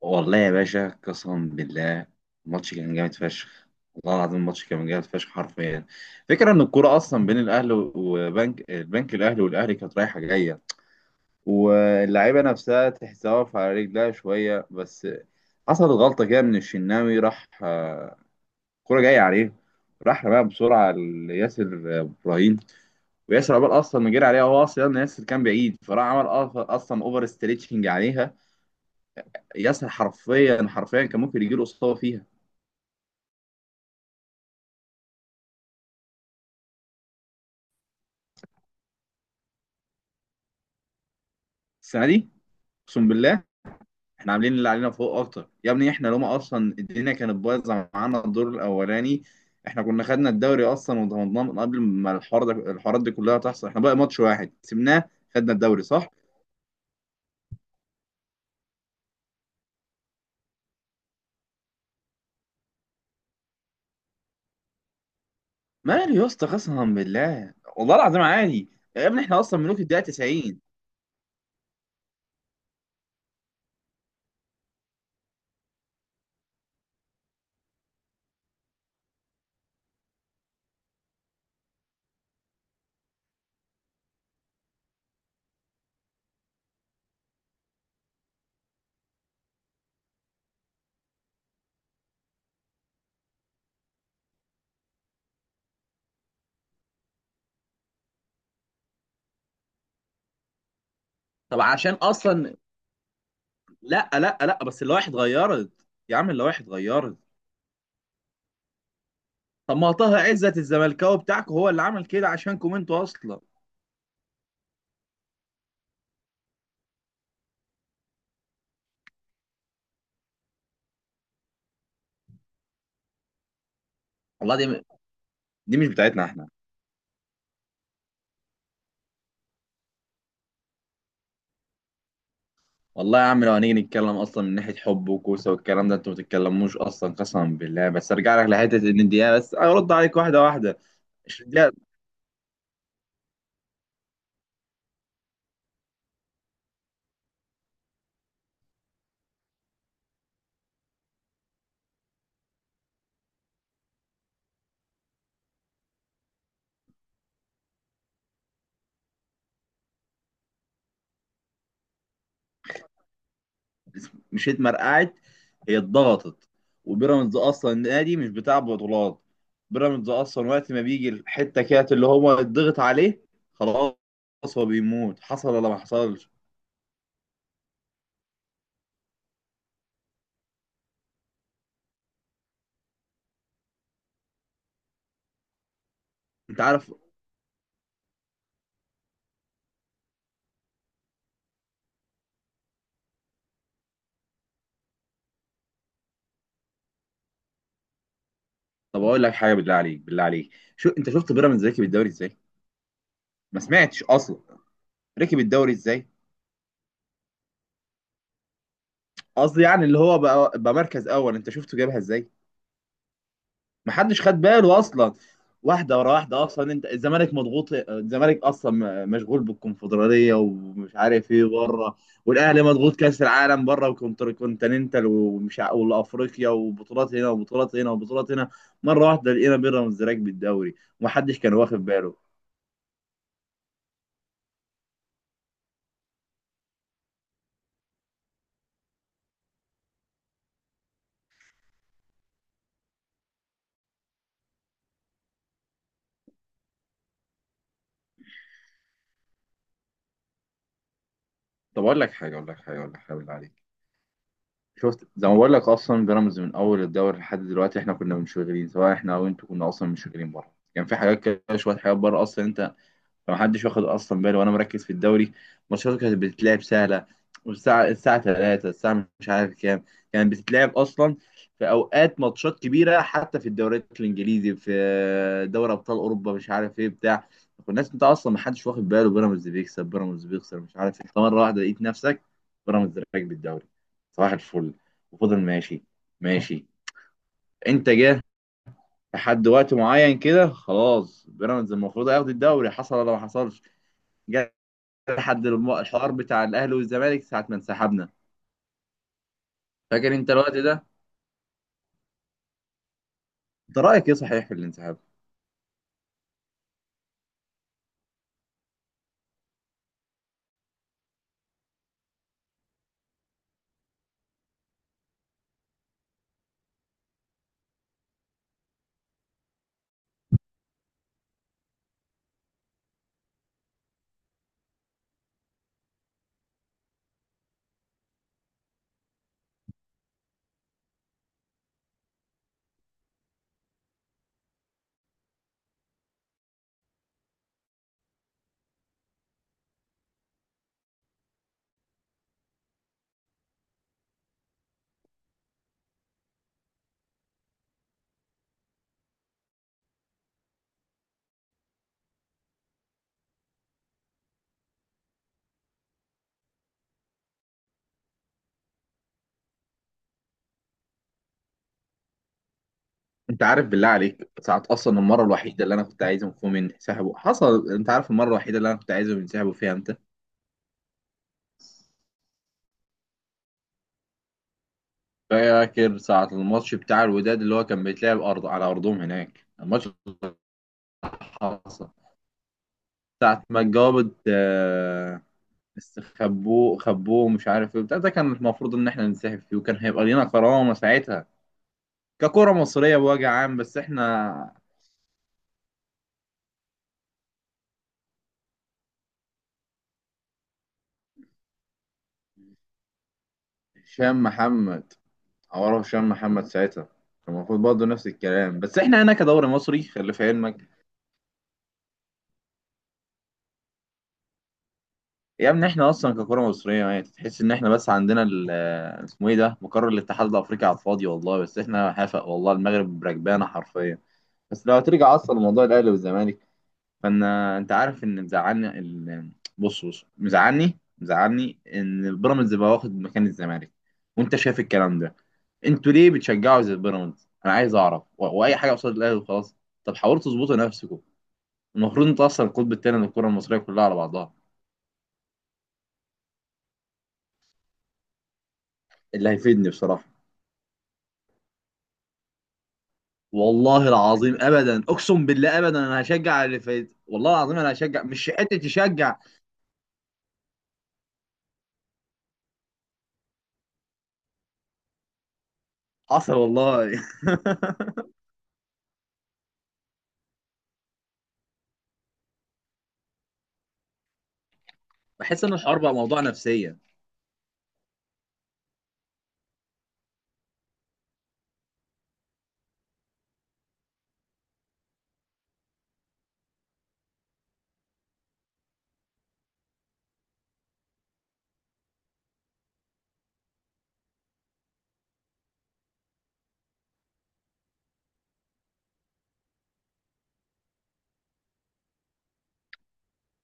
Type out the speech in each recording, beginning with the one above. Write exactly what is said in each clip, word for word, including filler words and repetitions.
والله يا باشا قسما بالله. الماتش كان جامد فشخ. والله العظيم الماتش كان جامد فشخ حرفيا. فكرة ان الكوره اصلا بين الاهلي وبنك البنك الاهلي والاهلي كانت رايحه جايه، واللعيبه نفسها تحسها واقفه على رجلها شويه بس. حصلت غلطه كده من الشناوي، راح آه، الكوره جايه عليه، راح رماها بسرعه لياسر ابراهيم. وياسر عقبال اصلا ما جري عليها، هو اصلا ياسر كان بعيد، فراح عمل أص- اصلا اوفر ستريتشنج عليها. ياسر حرفيا حرفيا كان ممكن يجيله اصابه فيها. السنه دي اقسم بالله، احنا عاملين اللي علينا فوق اكتر يا ابني. احنا لما اصلا الدنيا كانت بايظه معانا الدور الاولاني، احنا كنا خدنا الدوري اصلا وضمناه من قبل ما الحوار ده الحوارات دي كلها تحصل. احنا بقى ماتش واحد سيبناه. خدنا الدوري صح. ماله يا اسطى؟ قسما بالله والله العظيم عادي. يا ابني احنا اصلا ملوك الدقيقه تسعين. طب عشان اصلا. لا لا لا بس اللوائح اتغيرت يا عم، اللوائح اتغيرت. طب ما طه عزت الزملكاوي بتاعكم هو اللي عمل كده عشانكم انتوا اصلا. والله دي، دي مش بتاعتنا احنا. والله يا عم لو هنيجي نتكلم اصلا من ناحيه حب وكوسه والكلام ده، انتوا ما بتتكلموش اصلا قسما بالله. بس ارجع لك لحته ان دي، بس ارد عليك واحده واحده. الدقيقه. مش اتمرقعت، هي اتضغطت. وبيراميدز اصلا نادي مش بتاع بطولات. بيراميدز اصلا وقت ما بيجي الحته كده اللي هو اتضغط عليه، خلاص، هو بيموت. حصل ولا ما حصلش. انت عارف. طب اقول لك حاجه، بالله عليك بالله عليك، شو انت شفت بيراميدز ركب الدوري ازاي؟ ما سمعتش اصلا ركب الدوري ازاي. قصدي يعني اللي هو بقى بقى مركز اول، انت شفته جابها ازاي؟ ما حدش خد باله اصلا. واحده ورا واحده. اصلا انت الزمالك مضغوط، الزمالك اصلا مشغول بالكونفدراليه ومش عارف ايه بره، والاهلي مضغوط كاس العالم بره وكونتيننتال ومش ع- وافريقيا وبطولات هنا وبطولات هنا وبطولات هنا. مره واحده لقينا بيراميدز راكب الدوري ومحدش كان واخد باله. طب اقول لك حاجه اقول لك حاجه اقول لك حاجه، بالله عليك. شفت زي ما بقول لك اصلا، بيراميدز من اول الدوري لحد دلوقتي احنا كنا منشغلين، سواء احنا او انتوا كنا اصلا منشغلين بره، كان في حاجات كده شويه حاجات بره اصلا انت. فمحدش واخد اصلا باله، وانا مركز في الدوري. ماتشاته كانت بتتلعب سهله، والساعه الساعه تلاتة الساعه مش عارف كام، كانت بتتلعب اصلا في اوقات ماتشات كبيره حتى في الدوريات الانجليزي، في دوري ابطال اوروبا مش عارف ايه بتاع. والناس انت اصلا محدش واخد باله، بيراميدز بيكسب بيراميدز بيخسر مش عارف، انت مره واحده لقيت نفسك بيراميدز راكب الدوري. صباح الفل. وفضل ماشي ماشي، انت جه لحد وقت معين كده، خلاص بيراميدز المفروض هياخد الدوري. حصل ولا ما حصلش. جه لحد الم- الحوار بتاع الاهلي والزمالك ساعه ما انسحبنا. فاكر انت الوقت ده؟ انت رايك ايه صحيح في الانسحاب؟ انت عارف بالله عليك ساعه اصلا المره الوحيده اللي انا كنت عايزهم فيهم ينسحبوا حصل؟ انت عارف المره الوحيده اللي انا كنت عايزهم ينسحبوا فيها امتى؟ فاكر ساعه الماتش بتاع الوداد اللي هو كان بيتلعب ارض على ارضهم هناك، الماتش اللي حصل، ساعه ما اتجاوبت آه، استخبوه خبوه مش عارف ايه بتاع، ده كان المفروض ان احنا ننسحب فيه وكان هيبقى لينا كرامه ساعتها ككرة مصرية بوجه عام. بس احنا هشام محمد، عوره هشام محمد ساعتها، كان المفروض برضه نفس الكلام. بس احنا هنا كدوري مصري، خلي في علمك يا ابني احنا اصلا ككره مصريه، يعني تحس ان احنا بس عندنا ال- آه، اسمه ايه ده، مقر الاتحاد الافريقي على الفاضي والله، بس احنا حافق، والله المغرب بركبانه حرفيا. بس لو هترجع اصلا لموضوع الاهلي والزمالك، فانا انت عارف ان مزعلني ال... بص بص، مزعلني مزعلني ان البيراميدز بقى واخد مكان الزمالك، وانت شايف الكلام ده. انتوا ليه بتشجعوا زي البيراميدز؟ انا عايز اعرف، و... واي حاجه قصاد الاهلي وخلاص. طب حاولوا تظبطوا نفسكم، المفروض انتوا اصلا القطب الثاني للكره المصريه كلها على بعضها. اللي هيفيدني بصراحه. والله العظيم ابدا، اقسم بالله ابدا، انا هشجع اللي فايت، والله العظيم انا هشجع، مش حته تشجع. حصل والله. بحس ان الحوار بقى موضوع نفسيه.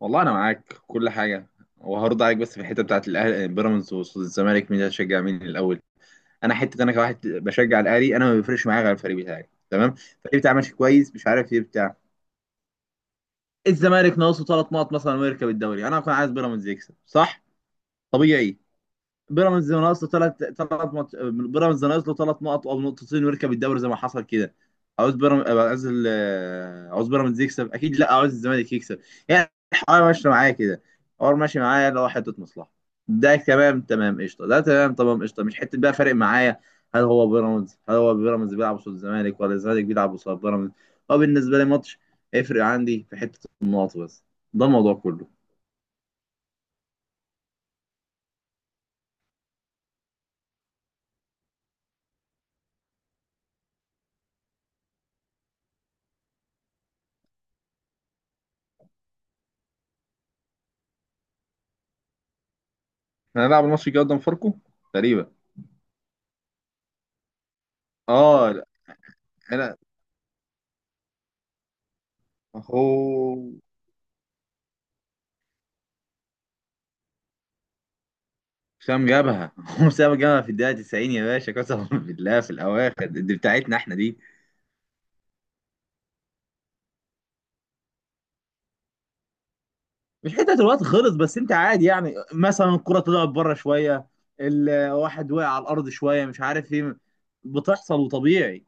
والله انا معاك في كل حاجه، وهرد عليك بس في الحته بتاعت الاهلي بيراميدز والزمالك مين هتشجع مين الاول. انا حته انا كواحد بشجع الاهلي، انا ما بيفرقش معايا غير الفريق بتاعي تمام، الفريق بتاعي ماشي كويس مش عارف ايه بتاع. الزمالك ناقصه ثلاث نقط مثلا ويركب الدوري، انا كنت عايز بيراميدز يكسب صح. طبيعي. بيراميدز ناقص له ثلاث ثلاث مط... بيراميدز ناقص له ثلاث نقط او نقطتين ويركب الدوري زي ما حصل كده، عاوز بيراميدز، عاوز ال-، عاوز بيراميدز يكسب اكيد، لا عاوز الزمالك يكسب. يعني الحوار ماشي معايا كده، الحوار ماشي معايا اللي هو حته مصلحه، ده تمام تمام قشطه، ده تمام تمام قشطه. مش حته بقى فارق معايا هل هو بيراميدز، هل هو بيراميدز بيلعب قصاد الزمالك ولا الزمالك بيلعب قصاد بيراميدز. هو بالنسبه لي ماتش، هيفرق عندي في حته النقط بس، ده الموضوع كله. احنا هنلعب الماتش الجاي قدام فاركو تقريبا. اه. انا اهو. حسام جابها. هو حسام جابها في الدقيقة تسعين يا باشا قسما بالله، في الأواخر دي بتاعتنا احنا دي. مش حتة الوقت خلص بس، أنت عادي يعني، مثلا الكرة طلعت بره شوية، الواحد وقع على الأرض شوية، مش عارف إيه، بتحصل وطبيعي.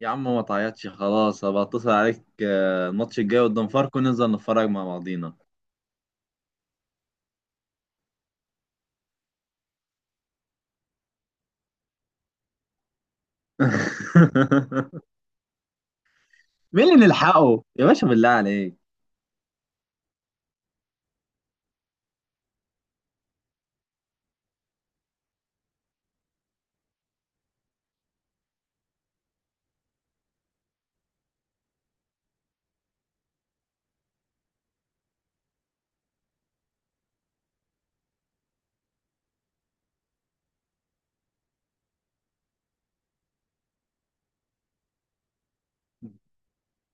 يا عم ما تعيطش، خلاص هبقى أتصل عليك آه، الماتش الجاي قدام فاركو ننزل نتفرج مع بعضينا. مين اللي نلحقه يا باشا بالله عليك؟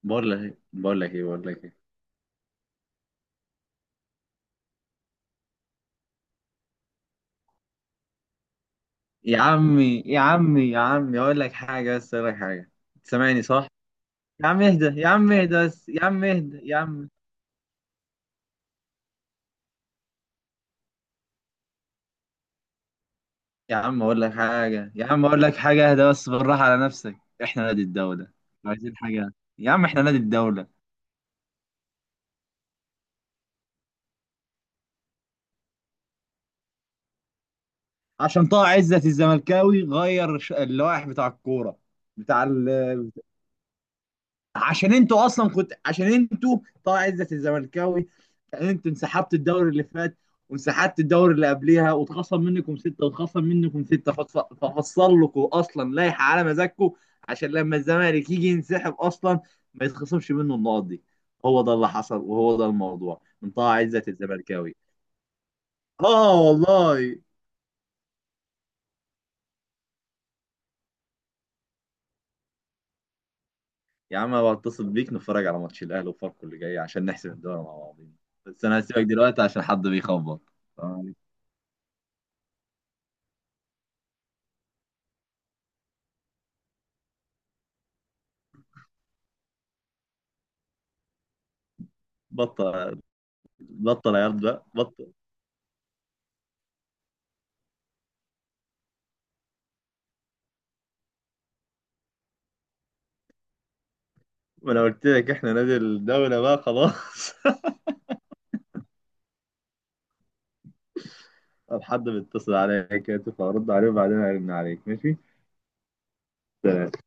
بقول لك إيه، بقول لك إيه بقول لك إيه. يا عمي يا عمي يا عمي، اقول لك حاجه بس، اقول لك حاجه. سامعني صح؟ يا عم اهدى يا عم اهدى بس، يا عم اهدى يا عم. يا عم اقول لك حاجه، يا عم اقول لك حاجه، اهدى بس، بالراحه على نفسك. احنا نادي الدوله، عايزين حاجه يا عم، احنا نادي الدوله. عشان طه عزت الزملكاوي غير ش- اللوائح بتاع الكوره بتاع ال-. عشان انتوا اصلا كنت، عشان انتوا طبعا، عزة الزملكاوي يعني، انتوا انسحبت الدوري اللي فات وانسحبت الدوري اللي قبليها، واتخصم منكم ستة واتخصم منكم ستة، فص- ففصل لكم اصلا لائحة على مزاجكم، عشان لما الزمالك يجي ينسحب اصلا ما يتخصمش منه النقط دي. هو ده اللي حصل، وهو ده الموضوع من طه عزة الزملكاوي. اه والله. يا عم أنا بتصل بيك نتفرج على ماتش الاهلي وفاركو اللي جاي، عشان نحسب الدوري مع بعضينا. بس انا هسيبك دلوقتي عشان حد بيخبط. تمام. بطل، بطل عياط بقى، بطل. ما انا قلت لك احنا نادي الدولة بقى خلاص. طب حد بيتصل عليا كده، تبقى ارد عليه وبعدين ارن عليك، ماشي. سلام.